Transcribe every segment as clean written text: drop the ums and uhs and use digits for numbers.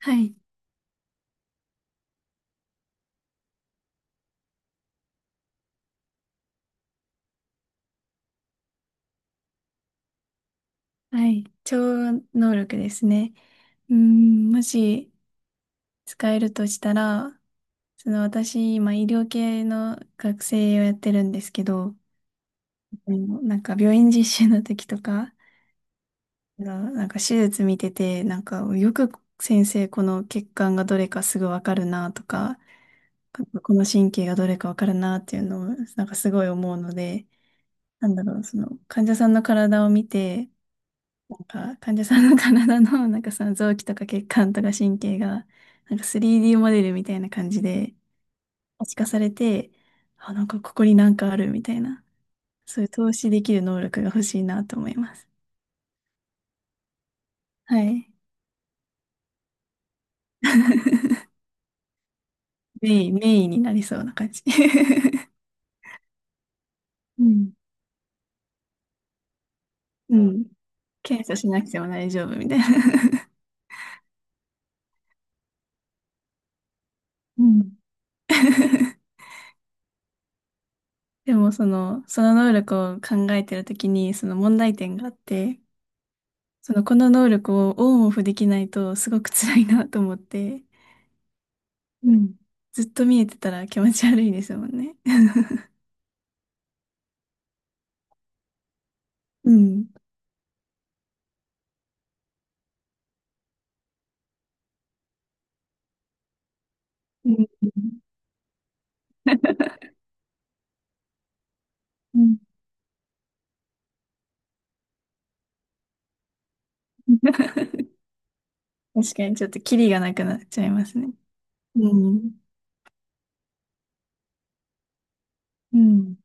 はい。はい。超能力ですね。うん、もし使えるとしたら、その私、今医療系の学生をやってるんですけど、もうなんか病院実習の時とか、なんか手術見てて、なんかよく先生、この血管がどれかすぐわかるなとか、この神経がどれかわかるなっていうのを、なんかすごい思うので、なんだろう、その患者さんの体を見て、なんか患者さんの体の なんかその臓器とか血管とか神経がなんか 3D モデルみたいな感じで可視化されて、あ、なんかここになんかあるみたいな、そういう投資できる能力が欲しいなと思います。はい。メインになりそうな感じ。うん。うん。検査しなくても大丈夫みたいな。うん。でもその能力を考えてるときにその問題点があって、そのこの能力をオンオフできないとすごく辛いなと思って、うん。ずっと見えてたら気持ち悪いですもんね。うん。うん。うん。確かにちょっとキリがなくなっちゃいますね。うん。うん。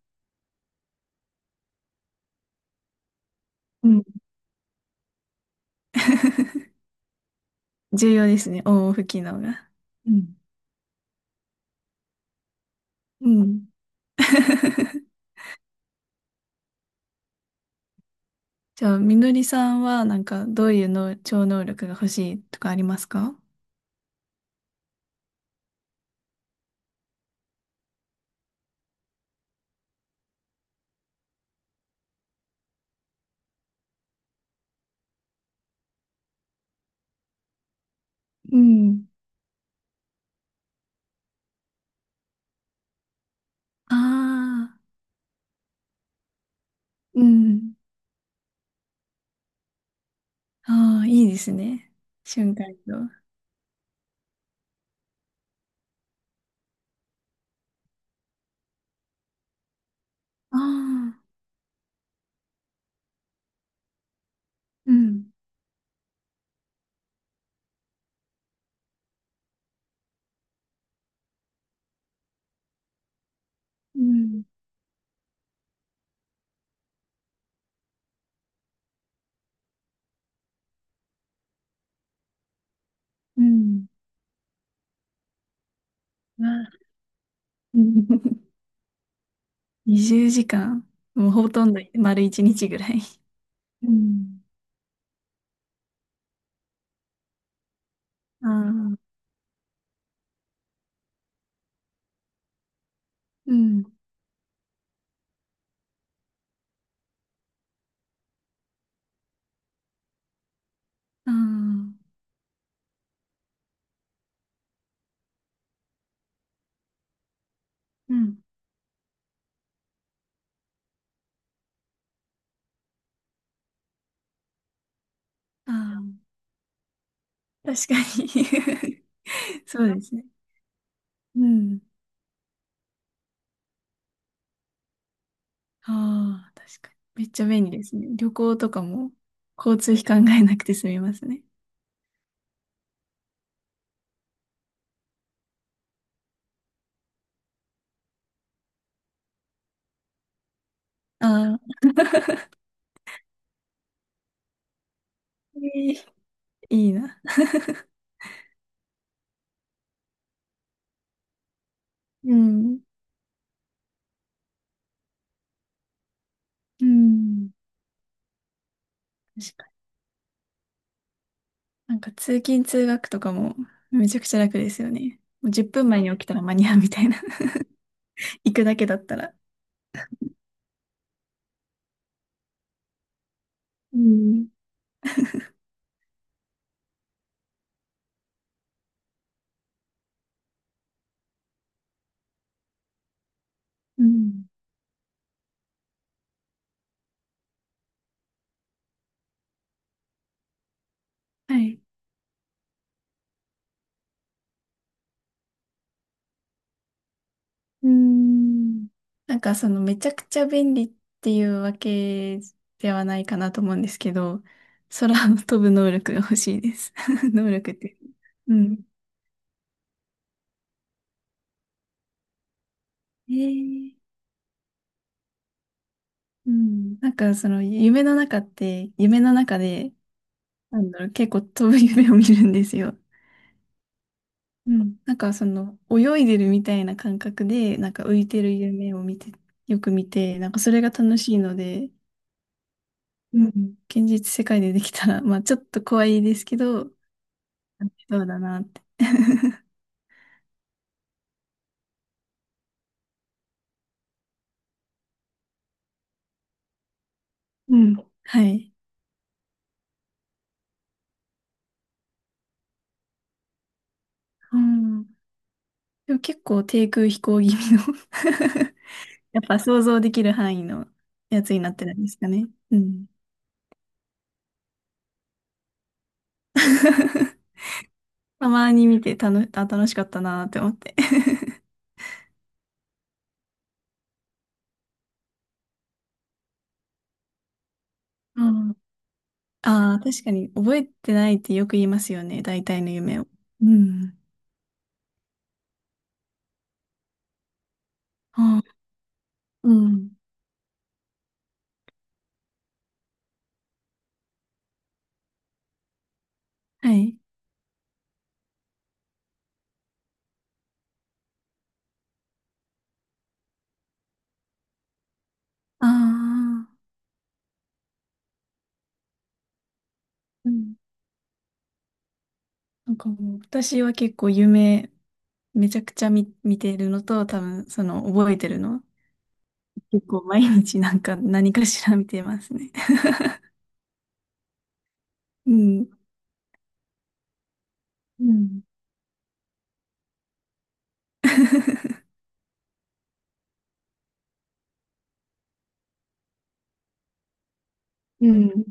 うん。重要ですね、オンオフ機能が。うんうん。じゃあ、みのりさんはなんかどういうの超能力が欲しいとかありますか？うん。ああー、うん。ああ、いいですね。瞬間移動。ああ、うん、うん、うん。わあ、20時間。 もうほとんど丸1日ぐらい。うん。ああ、うん。ああ、うん。ああ、確かに。 そうですね。うん。ああ、確かに。めっちゃ便利ですね。旅行とかも交通費考えなくて済みますね。ああ、えー。 いいな。うん。うん。なんか通勤通学とかもめちゃくちゃ楽ですよね。もう10分前に起きたら間に合うみたいな。行くだけだったら。うん、うん、はい。うん、なんかそのめちゃくちゃ便利っていうわけではないかなと思うんですけど、空を飛ぶ能力が欲しいです。能力って。うん。えー、うん、なんかその夢の中で、なんだろう、結構飛ぶ夢を見るんですよ。うん。なんかその、泳いでるみたいな感覚で、なんか浮いてる夢を見て、よく見て、なんかそれが楽しいので、うん。現実世界でできたら、まあちょっと怖いですけど、そうだなって。うん。はい。うん。でも結構低空飛行気味の、 やっぱ想像できる範囲のやつになってるんですかね。うん。たまに見てたの、あ、楽しかったなって思って。うん。ああ、確かに覚えてないってよく言いますよね。大体の夢を。うん。ああ、うん。はい。ああ、うん。なんかもう、私は結構夢、めちゃくちゃ見てるのと、多分、その、覚えてるの。結構毎日なんか何かしら見てますね。うん。うん。うん。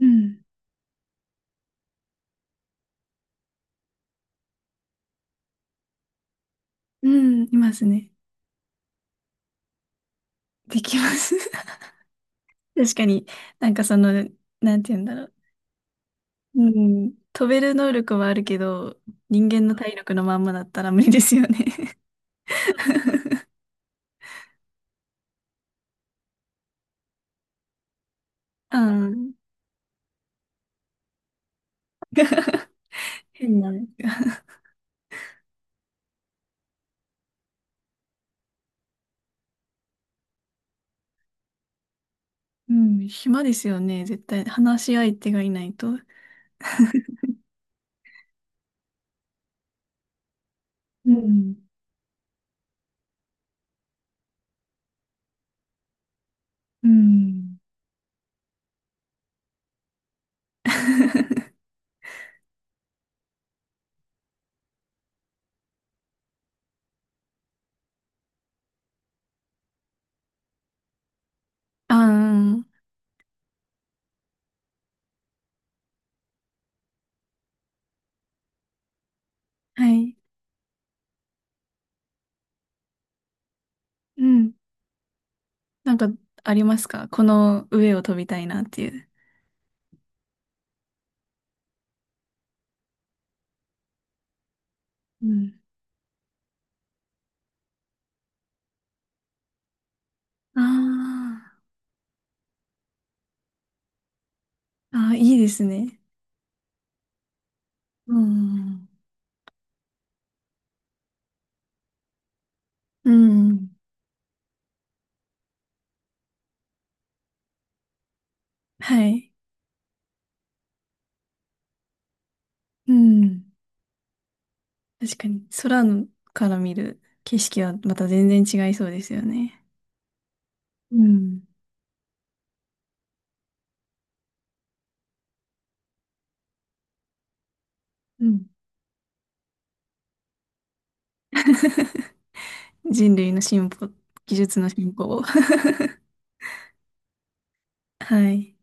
うん。うん、いますね。できます。確かに、なんかその、なんて言うんだろう。うん。飛べる能力はあるけど、人間の体力のまんまだったら無理ですよね。うん。変な。うん。暇ですよね。絶対。話し相手がいないと。うん。うん。ああ、はい。うん。なんか、ありますか？この上を飛びたいなっていう。うん。ああ、ああ、いいですね。うん。うん。はい。うん。確かに、空のから見る景色はまた全然違いそうですよね。うん。うん。人類の進歩、技術の進歩を。はい。